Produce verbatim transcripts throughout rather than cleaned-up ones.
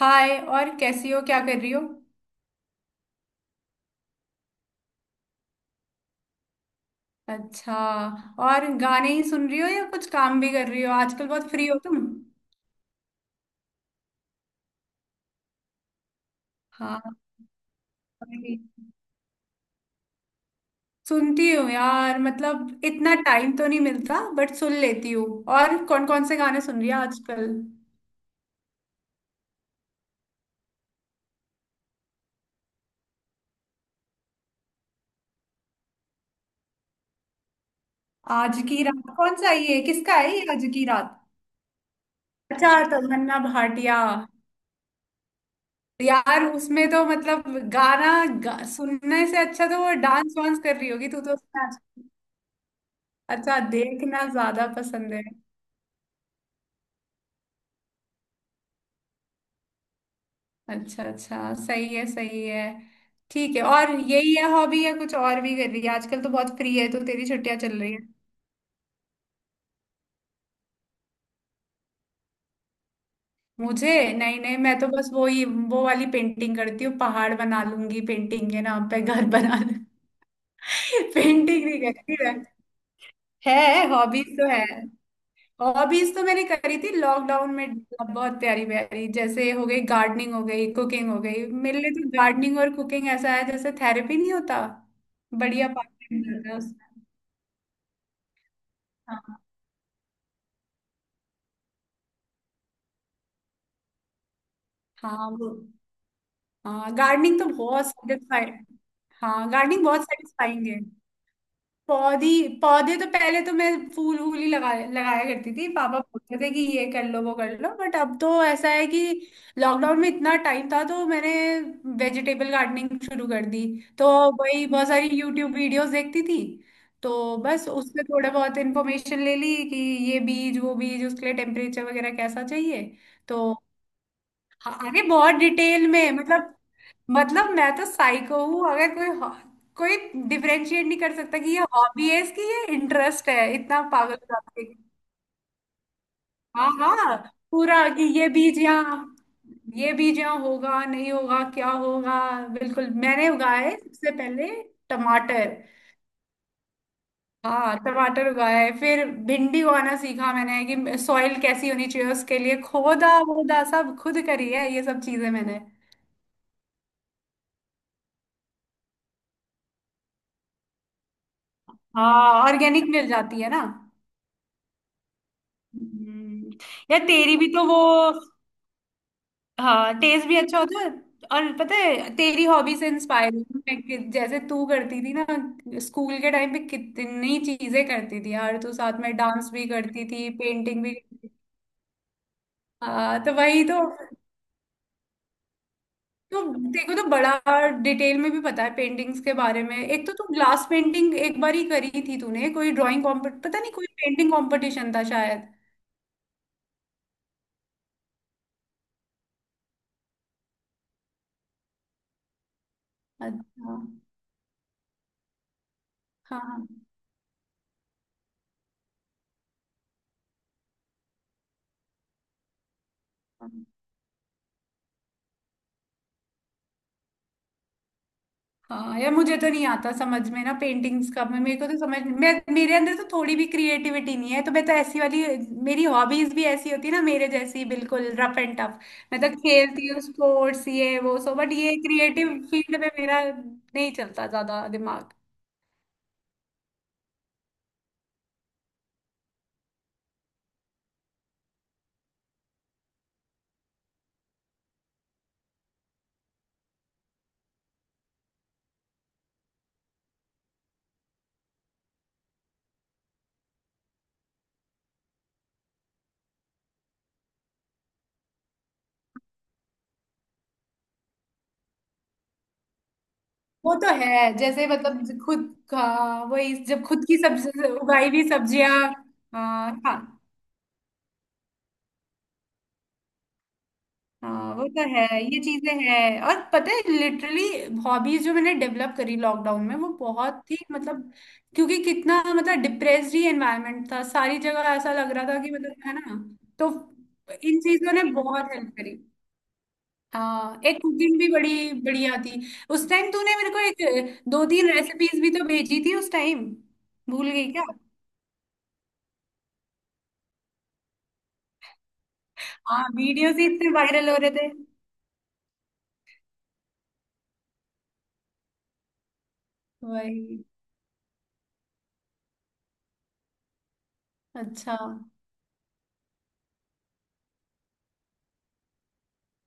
हाय। और कैसी हो? क्या कर रही हो? अच्छा। और गाने ही सुन रही हो या कुछ काम भी कर रही हो? आजकल बहुत फ्री हो तुम। हाँ। अरे, सुनती हूँ यार। मतलब इतना टाइम तो नहीं मिलता बट सुन लेती हूँ। और कौन कौन से गाने सुन रही हो आजकल? आज की रात? कौन सा है ये? किसका है ये आज की रात? अच्छा, तमन्ना भाटिया। यार उसमें तो मतलब गाना गा, सुनने से अच्छा तो वो डांस वांस कर रही होगी। तू तो उसमें आज- अच्छा, देखना ज्यादा पसंद है। अच्छा अच्छा, सही है सही है। ठीक है। और यही है हॉबी या कुछ और भी कर रही है? आजकल तो बहुत फ्री है, तो तेरी छुट्टियां चल रही है। मुझे? नहीं नहीं, मैं तो बस वो ही वो वाली पेंटिंग करती हूँ। पहाड़ बना लूंगी, पेंटिंग के नाम पे घर बना लूंगी। पेंटिंग नहीं करती मैं। है, हॉबीज तो है। हॉबीज तो मैंने करी थी लॉकडाउन में। बहुत प्यारी प्यारी, जैसे हो गई गार्डनिंग, हो गई कुकिंग। हो गई, मेरे लिए तो गार्डनिंग और कुकिंग ऐसा है जैसे थेरेपी, नहीं होता? बढ़िया, पार्ट टाइम लग रहा है उसमें। हाँ। हाँ वो, हाँ गार्डनिंग तो बहुत satisfying। हाँ गार्डनिंग बहुत सेटिस्फाइंग है। पौधी? पौधे तो पहले तो मैं फूल वूल ही लगा लगाया करती थी। पापा बोलते थे कि ये कर लो वो कर लो, बट अब तो ऐसा है कि लॉकडाउन में इतना टाइम था तो मैंने वेजिटेबल गार्डनिंग शुरू कर दी। तो वही, बहुत सारी यूट्यूब वीडियोस देखती थी। तो बस उससे थोड़ा बहुत इन्फॉर्मेशन ले ली कि ये बीज, वो बीज, उसके लिए टेम्परेचर वगैरह कैसा चाहिए। तो हाँ, अरे बहुत डिटेल में मतलब मतलब मैं तो साइको हूँ। अगर कोई हो- कोई डिफरेंशिएट नहीं कर सकता कि ये हॉबी है इसकी, ये इंटरेस्ट है, इतना पागल करते। हाँ हाँ पूरा कि ये बीज यहाँ ये बीज यहाँ होगा, नहीं होगा, क्या होगा। बिल्कुल, मैंने उगाया है सबसे पहले टमाटर। हाँ टमाटर उगाया है, फिर भिंडी उगाना सीखा मैंने। कि सॉइल कैसी होनी चाहिए उसके लिए, खोदा वोदा सब खुद करी है ये सब चीजें मैंने। हाँ ऑर्गेनिक मिल जाती है ना। हम्म। यार तेरी भी तो वो, हाँ टेस्ट भी अच्छा होता है। और पता है, तेरी हॉबी से इंस्पायर हूँ मैं कि जैसे तू करती थी ना स्कूल के टाइम पे, कितनी चीजें करती थी यार तू। साथ में डांस भी करती थी, पेंटिंग भी करती थी। हाँ तो वही तो। तो देखो तो, बड़ा डिटेल में भी पता है पेंटिंग्स के बारे में। एक तो तू ग्लास पेंटिंग एक बार ही करी थी तूने, कोई ड्राइंग कॉम्पिट, पता नहीं, कोई पेंटिंग कंपटीशन था शायद। अच्छा हाँ। हाँ हाँ। हाँ यार, मुझे तो नहीं आता समझ में ना पेंटिंग्स का। मैं मेरे को तो समझ मैं मेरे अंदर तो थोड़ी भी क्रिएटिविटी नहीं है। तो मैं तो ऐसी वाली, मेरी हॉबीज भी ऐसी होती है ना मेरे जैसी, बिल्कुल रफ एंड टफ। मैं तो खेलती हूँ स्पोर्ट्स, ये वो, सो बट ये क्रिएटिव फील्ड में मेरा नहीं चलता ज्यादा दिमाग। वो तो है। जैसे मतलब ज- खुद का, वही जब खुद की सब्जी उगाई हुई सब्जियां। हाँ हाँ, वो तो है। ये चीजें हैं, और पता है लिटरली हॉबीज जो मैंने डेवलप करी लॉकडाउन में, वो बहुत ही मतलब क्योंकि कितना मतलब डिप्रेस्ड ही एनवायरनमेंट था सारी जगह। ऐसा लग रहा था कि मतलब है ना। तो इन चीजों ने बहुत हेल्प करी। हाँ एक कुकिंग भी बड़ी बढ़िया थी। उस टाइम तूने मेरे को एक दो तीन रेसिपीज भी तो भेजी थी उस टाइम। भूल गई क्या? हाँ वीडियोस ही इतने वायरल हो रहे थे। वही। अच्छा,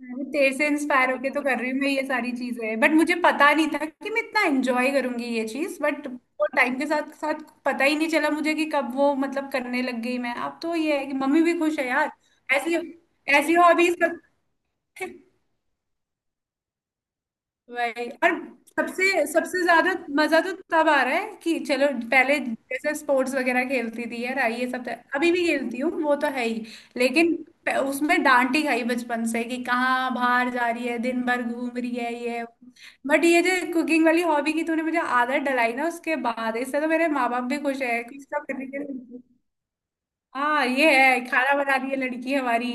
मैं भी तेरे से इंस्पायर होके तो कर रही हूँ मैं ये सारी चीजें। बट मुझे पता नहीं था कि मैं इतना एंजॉय करूंगी ये चीज। बट वो टाइम के साथ साथ पता ही नहीं चला मुझे कि कब वो मतलब करने लग गई मैं। अब तो ये है कि मम्मी भी खुश है यार। ऐसी ऐसी हॉबीज सब। वही, और सबसे सबसे ज्यादा मजा तो तब आ रहा है कि चलो, पहले जैसे स्पोर्ट्स वगैरह खेलती थी यार ये सब तो अभी भी खेलती हूँ, वो तो है ही। लेकिन प- उसमें डांट ही खाई बचपन से कि कहाँ बाहर जा रही है, दिन भर घूम रही है ये। बट ये जो कुकिंग वाली हॉबी की तूने मुझे आदत डलाई ना, उसके बाद इससे तो मेरे माँ बाप भी खुश है, कुछ तो करने के लिए। हाँ, ये है, खाना बना रही है लड़की हमारी।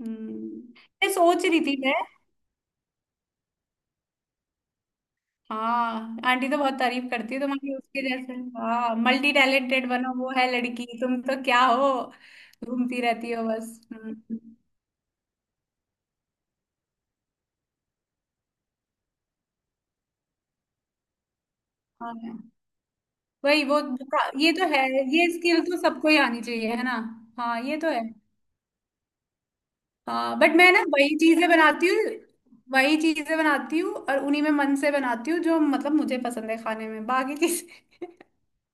हम्म। ये सोच रही थी मैं। हाँ आंटी तो बहुत तारीफ करती है तुम्हारी, उसके जैसे हाँ मल्टी टैलेंटेड बनो, वो है लड़की, तुम तो क्या हो, घूमती रहती हो बस। हम्म। हाँ वही वो, ये तो है, ये स्किल तो सबको ही आनी चाहिए है ना। हाँ ये तो है। हाँ बट मैं ना वही चीजें बनाती हूँ वही चीजें बनाती हूँ, और उन्हीं में मन से बनाती हूँ जो मतलब मुझे पसंद है खाने में। बाकी चीजें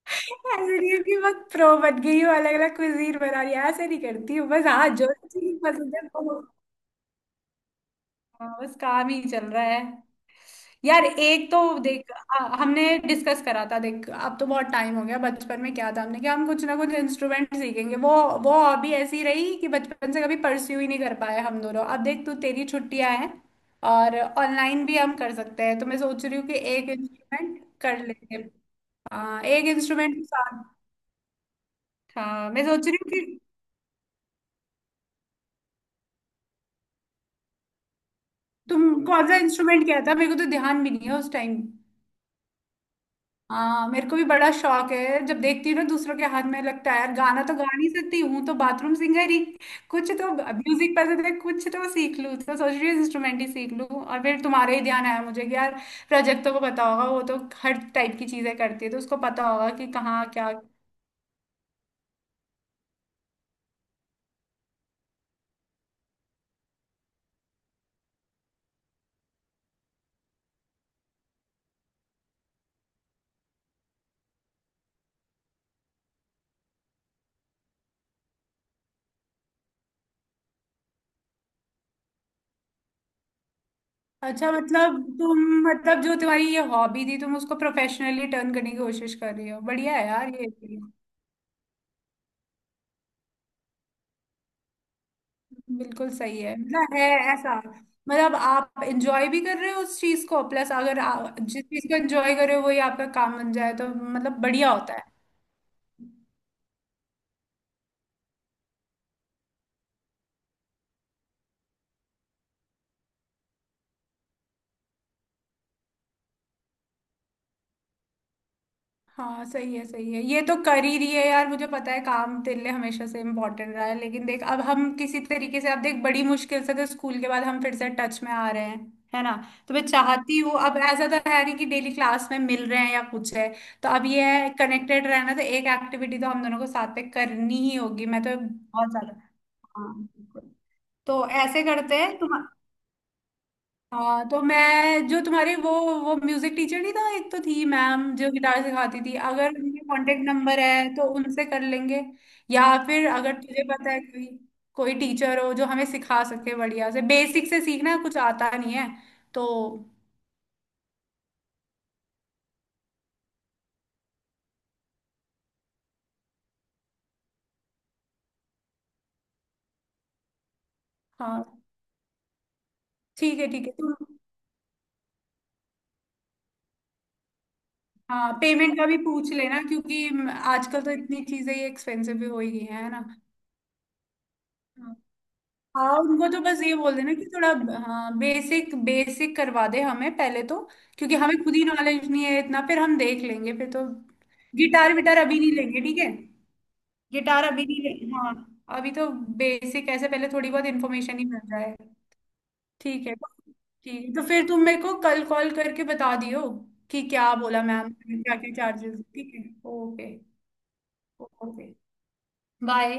ऐसे नहीं है कि बहुत प्रो बन गई हूँ, अलग अलग कुजीन बना रही हूँ, ऐसे नहीं करती हूँ बस। हाँ, जो चीज पसंद है वो। हाँ, बस काम ही चल रहा है। यार एक तो देख, आ, हमने डिस्कस करा था देख, अब तो बहुत टाइम हो गया। बचपन में क्या था हमने कि हम कुछ ना कुछ इंस्ट्रूमेंट सीखेंगे, वो वो हॉबी ऐसी रही कि बचपन से कभी परस्यू ही नहीं कर पाए हम दोनों। अब देख तू, तेरी छुट्टियां हैं और ऑनलाइन भी हम कर सकते हैं, तो मैं सोच रही हूँ कि एक इंस्ट्रूमेंट कर लेंगे। हाँ एक इंस्ट्रूमेंट के साथ, हाँ मैं सोच रही हूँ कि तुम कौन सा इंस्ट्रूमेंट, क्या था? मेरे को तो ध्यान भी नहीं है उस टाइम। हाँ मेरे को भी बड़ा शौक है। जब देखती हूँ ना दूसरों के हाथ में, लगता है यार गाना तो गा नहीं सकती हूँ, तो बाथरूम सिंगर ही। कुछ तो म्यूजिक पसंद है, कुछ तो सीख लूँ। तो सोच रही हूँ इंस्ट्रूमेंट ही सीख लूँ। और फिर तुम्हारे ही ध्यान आया मुझे कि यार रजत को पता होगा। वो तो हर टाइप की चीजें करती है, तो उसको पता होगा कि कहाँ क्या। अच्छा मतलब तुम, मतलब जो तुम्हारी ये हॉबी थी तुम उसको प्रोफेशनली टर्न करने की कोशिश कर रही हो। बढ़िया है यार ये, बिल्कुल सही है। मतलब है ऐसा, मतलब आप एंजॉय भी कर रहे हो उस चीज को, प्लस अगर आप जिस चीज को एंजॉय कर रहे हो वही आपका काम बन जाए तो मतलब बढ़िया होता है। हाँ सही है सही है, ये तो कर ही रही है यार। मुझे पता है काम तेरे लिए हमेशा से इम्पोर्टेंट रहा है, लेकिन देख अब हम किसी तरीके से, अब देख बड़ी मुश्किल से तो स्कूल के बाद हम फिर से टच में आ रहे हैं है ना। तो मैं चाहती हूँ, अब ऐसा तो है नहीं कि डेली क्लास में मिल रहे हैं या कुछ है। तो अब ये है कनेक्टेड रहना, तो एक एक्टिविटी तो हम दोनों को साथ पे करनी ही होगी। मैं तो बहुत ज्यादा, हाँ बिल्कुल। तो ऐसे करते हैं तुम, हाँ तो मैं जो तुम्हारी वो वो म्यूजिक टीचर नहीं था एक, तो थी मैम जो गिटार सिखाती थी, अगर उनके कांटेक्ट नंबर है तो उनसे कर लेंगे। या फिर अगर तुझे पता है कोई कोई टीचर हो जो हमें सिखा सके बढ़िया से, बेसिक से सीखना, कुछ आता नहीं है तो। हाँ ठीक है ठीक है तुम, हाँ पेमेंट का भी पूछ लेना, क्योंकि आजकल तो इतनी चीजें ये एक्सपेंसिव भी हो ही गई हैं है ना। हाँ उनको तो बस ये बोल देना कि थोड़ा हाँ बेसिक बेसिक करवा दे हमें पहले तो, क्योंकि हमें खुद ही नॉलेज नहीं है इतना, फिर हम देख लेंगे फिर तो। गिटार विटार अभी नहीं लेंगे, ठीक है? गिटार अभी नहीं लेंगे हाँ, अभी तो बेसिक ऐसे पहले, थोड़ी बहुत इन्फॉर्मेशन ही मिल जाए। ठीक है तो- ठीक है तो फिर तुम मेरे को कल कॉल करके बता दियो कि क्या बोला मैम, क्या क्या चार्जेस। ठीक है। Okay okay. बाय।